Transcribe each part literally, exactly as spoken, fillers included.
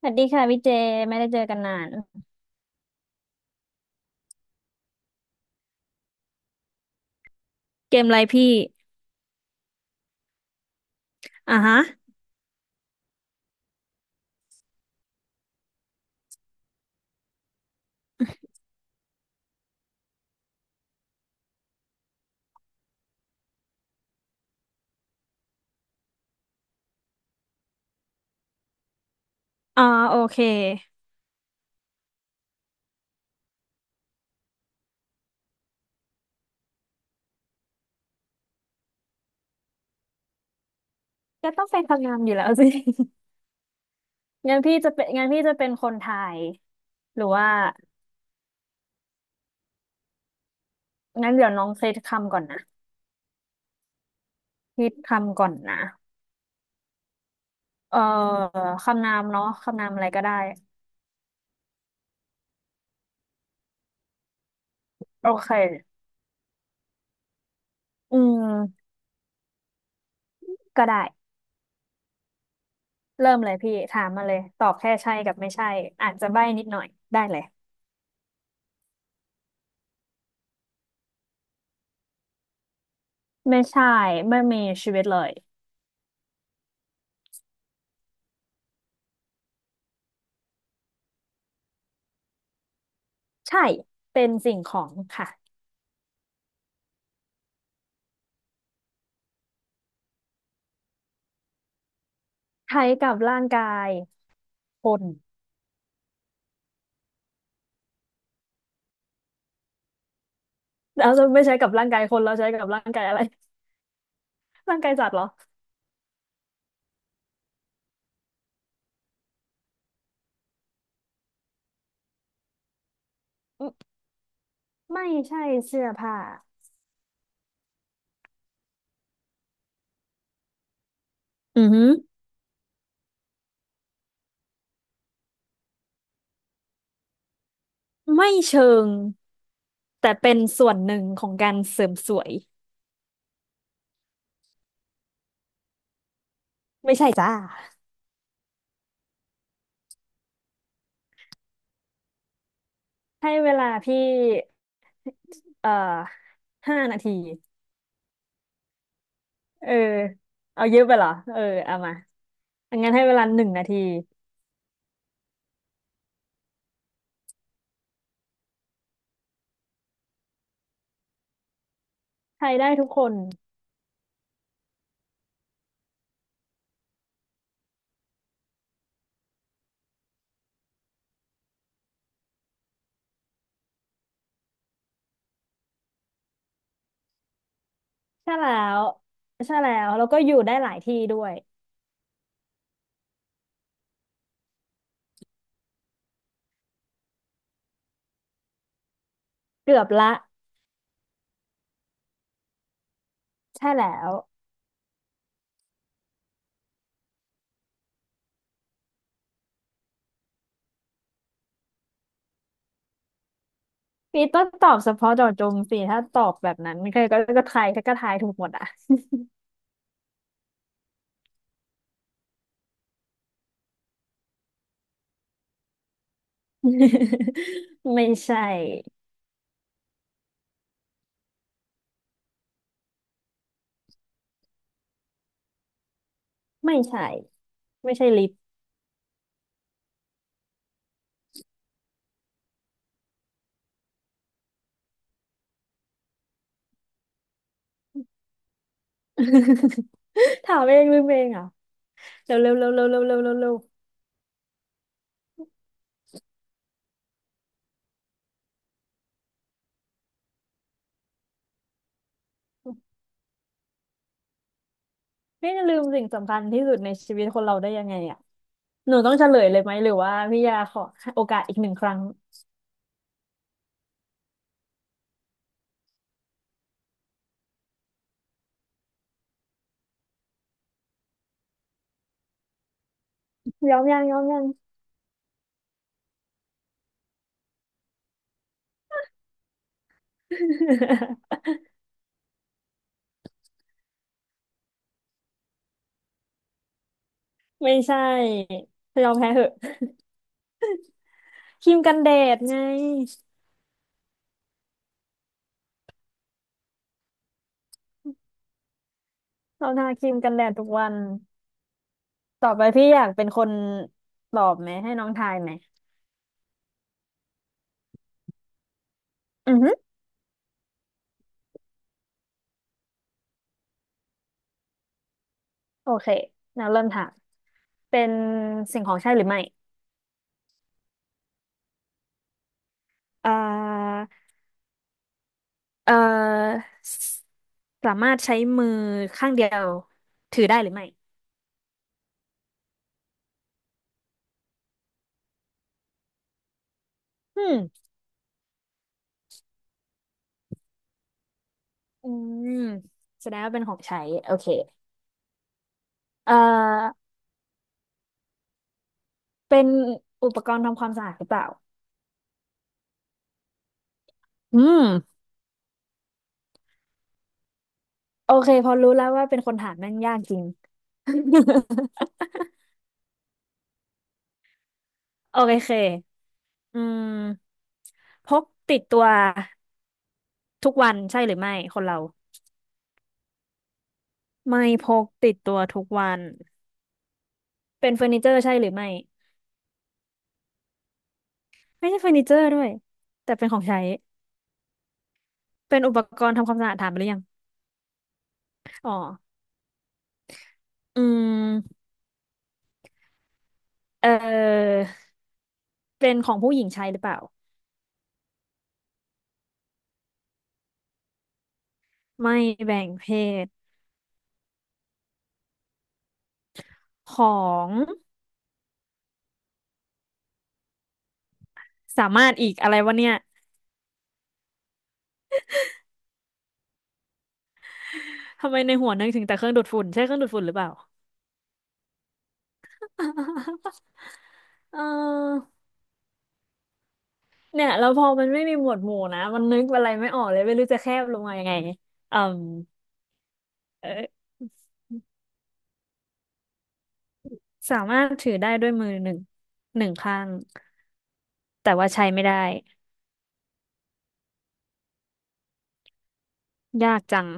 สวัสดีค่ะพี่เจไม่ได้เจอกันนานเกมอะไรพี่อ่าฮะอ่าโอเคก็ต้องเป็นคำนามอยู่แล้วสิ งั้นพี่จะเป็นงั้นพี่จะเป็นคนทายหรือว่างั้นเดี๋ยวน้องเซตคำก่อนนะคิดคำก่อนนะเอ่อคำนามเนาะคำนามอะไรก็ได้โอเคอืมก็ได้เริ่มเลยพี่ถามมาเลยตอบแค่ใช่กับไม่ใช่อาจจะใบ้นิดหน่อยได้เลยไม่ใช่ไม่มีชีวิตเลยใช่เป็นสิ่งของค่ะใช้กับร่างกาย คนเ้าจะไม่ใช้กับร่างกายคนเราใช้กับร่างกายอะไร ร่างกายสัตว์เหรออืมไม่ใช่เสื้อผ้าอือหือไม่เชิงแต่เป็นส่วนหนึ่งของการเสริมสวยไม่ใช่จ้าให้เวลาพี่เอ่อห้านาทีเออเอาเยอะไปเหรอเออเอามางั้นให้เวลาหนึ่งนาทีใช้ได้ทุกคนใช่แล้วใช่แล้วแล้วก็อยู่ได้หลายที่ด้วยเกือบละใช่แล้ว พีต้องตอบเฉพาะเจาะจงสิถ้าตอบแบบนั้นใครก็ก็ทายก็ทายถูกหมดอ่ะ ไม่ใช่ไม่ใช่ไม่ใช่ลิฟต์ ถามเองลืมเองเหรอ่ะเร็วเร็วเร็วเร็วเร็วเร็วเร็วเร็วไม่จะลืมสิ่งสำคัญที่สุดในชีวิตคนเราได้ยังไงอ่ะหนูต้องเฉลยเลยไหมหรือว่าพี่ยาขอโอกาสอีกหนึ่งครั้งยอมยังยอมยัง ไม่ใช่ยอมแพ้เหอะ ครีมกันแดดไงเราทาครีมกันแดดทุกวัน ต่อไปพี่อยากเป็นคนตอบไหมให้น้องทายไหมอือฮึโอเคเราเริ่มถามเป็นสิ่งของใช่หรือไม่อ่าเอ่อสสามารถใช้มือข้างเดียวถือได้หรือไม่อืมอืมแสดงว่าเป็นของใช้โอเคเอ่อเป็นอุปกรณ์ทำความสะอาดหรือเปล่าอืมโอเคพอรู้แล้วว่าเป็นคนถามแม่งยากจริง โอเคอืมพกติดตัว ทุกวันใช่หรือไม่คนเราไม่พกติดตัวทุกวันเป็นเฟอร์นิเจอร์ใช่หรือไม่ไม่ใช่เฟอร์นิเจอร์ด้วยแต่เป็นของใช้เป็นอุปกรณ์ทำความสะอาดถามไปหรือยังอ๋ออืมเออเป็นของผู้หญิงใช้หรือเปล่าไม่แบ่งเพศของสามารถอีกอะไรวะเนี่ยทำไมในหัวนึกถึงแต่เครื่องดูดฝุ่นใช่เครื่องดูดฝุ่นหรือเปล่า เออเนี่ยแล้วพอมันไม่มีหมวดหมู่นะมันนึกอะไรไม่ออกเลยไม่รู้จะแคบลงมายังไงอืม เออสามารถถือได้ด้วยมือหนึ่งหนึ่งข้างแต่ว่าใช้ไม่ได้ยากจัง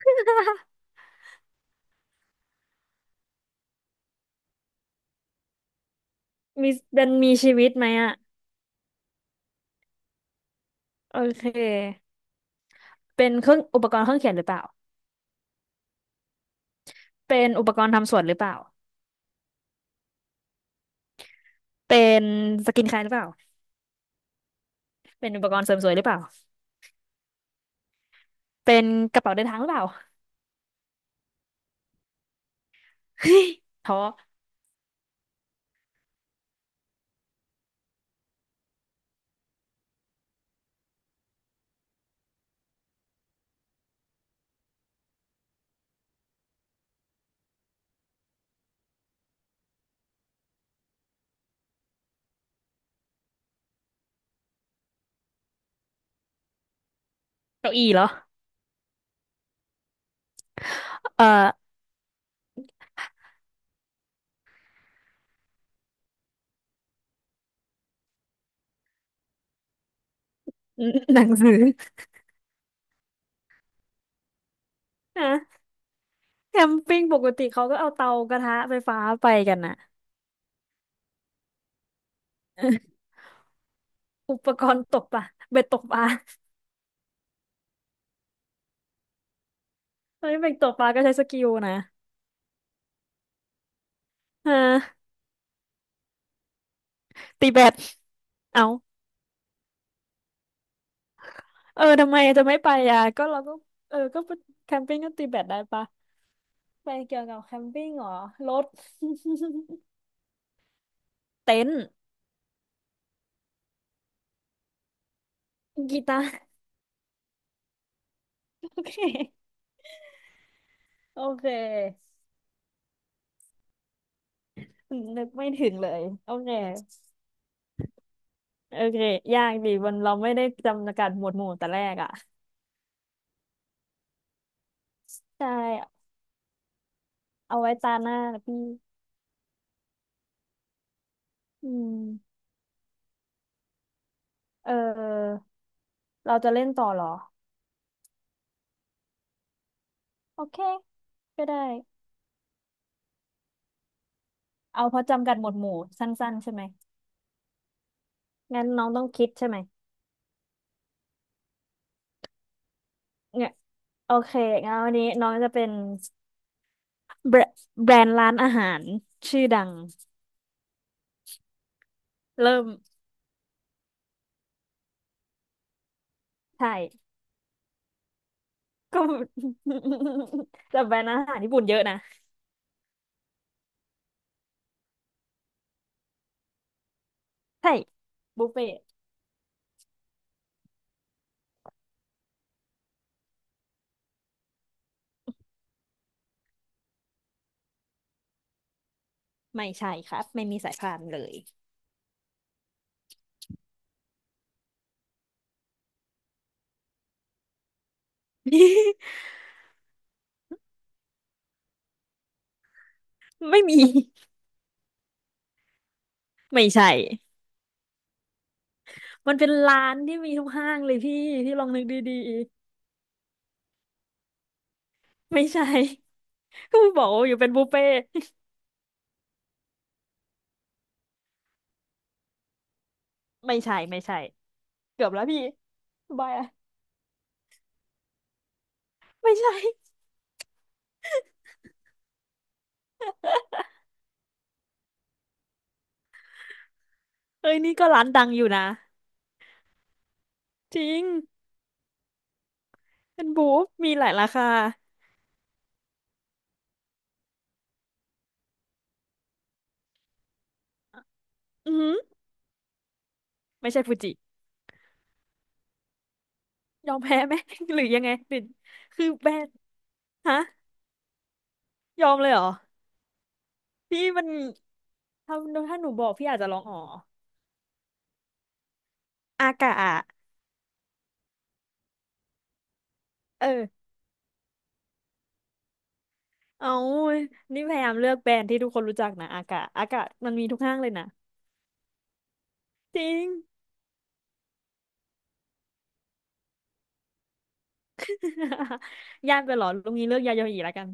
มีเป็นมีชีวิตไหมอ่ะโอเคเป็นเครื่องอุปกรณ์เครื่องเขียนหรือเปล่าเป็นอุปกรณ์ทำสวนหรือเปล่าเป็นสกินแคร์หรือเปล่าเป็นอุปกรณ์เสริมสวยหรือเปล่าเป็นกระเป๋าเดินทางหรือเปล่า เฮ้ยท้อเก้าอี้เหรอเอ่อ หนังสือฮะแคมปิ้งปกติเขาก็เอาเตากระทะไฟฟ้าไปกันนะ อุปกรณ์ตกปลาเบ็ดตกปลา เฮ้ยเป็นตกปลาก็ใช้สกิลนะอะตีแบดเอาเออทำไมจะไม่ไปอ่ะก็เราก็เออก็ไปแคมปิ้งก็ตีแบดได้ปะไปเกี่ยวกับแคมปิ้งเหรอรถ เต็นท์กีตาร์ โอเคโอเคนึกไม่ถึงเลยโอเคโอเคยากดีมันเราไม่ได้จำกัดหมวดหมู่แต่แรกอ่ะใช่เอาไว้ตาหน้านะพี่อืมเออเราจะเล่นต่อเหรอโอเคก็ได้ เอาเพราะจำกัดหมวดหมู่สั้นๆใช่ไหมงั้นน้องต้องคิดใช่ไหมเนี่ยโอเคงั้นวันนี้น้องจะเป็นแบรแบรนด์ร้านอาหารชื่อดังเริ่มใช่ก็ แต่แบรนด์อาหารญี่ปุ่นเยอะนะใช่บุฟเฟ่ต์ไม่ใช่ครับไม่มีสายพานเลย ไม่มีไม่ใช่มันเป็นร้านที่มีทุกห้างเลยพี่พี่ลองนึกดีๆไม่ใช่ ก็บอกว่าอยู่เป็นบุฟเฟ่ต์ไม่ใช่ไม่ใช่เกือบแล้วพี่บาย ไม่ใช่เอ้ยนี่ก็ร้านดังอยู่นะจริงเป็นบูฟมีหลายราคาอือหือไม่ใช่ฟูจิยอมแพ้ไหม หรือยังไงหรือคือแบรนด์ฮะยอมเลยเหรอพี่มันถ้าถ้าหนูบอกพี่อาจจะร้องอ๋ออากะอะเออเอานี่พยายามเลือกแบรนด์ที่ทุกคนรู้จักนะอากะอากะมันมีทุกห้างเลยนะจริง ยากไปเหรอลุงนี้เลือกยาโยออีแล้วกัน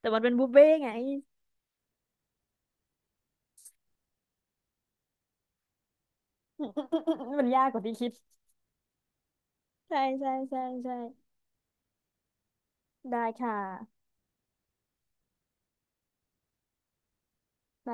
แต่มันเป็นบุฟเฟ่ต์ไง มันยากกว่าที่คิดใช่ใช่ใช่ใช่ได้ค่ะ บาย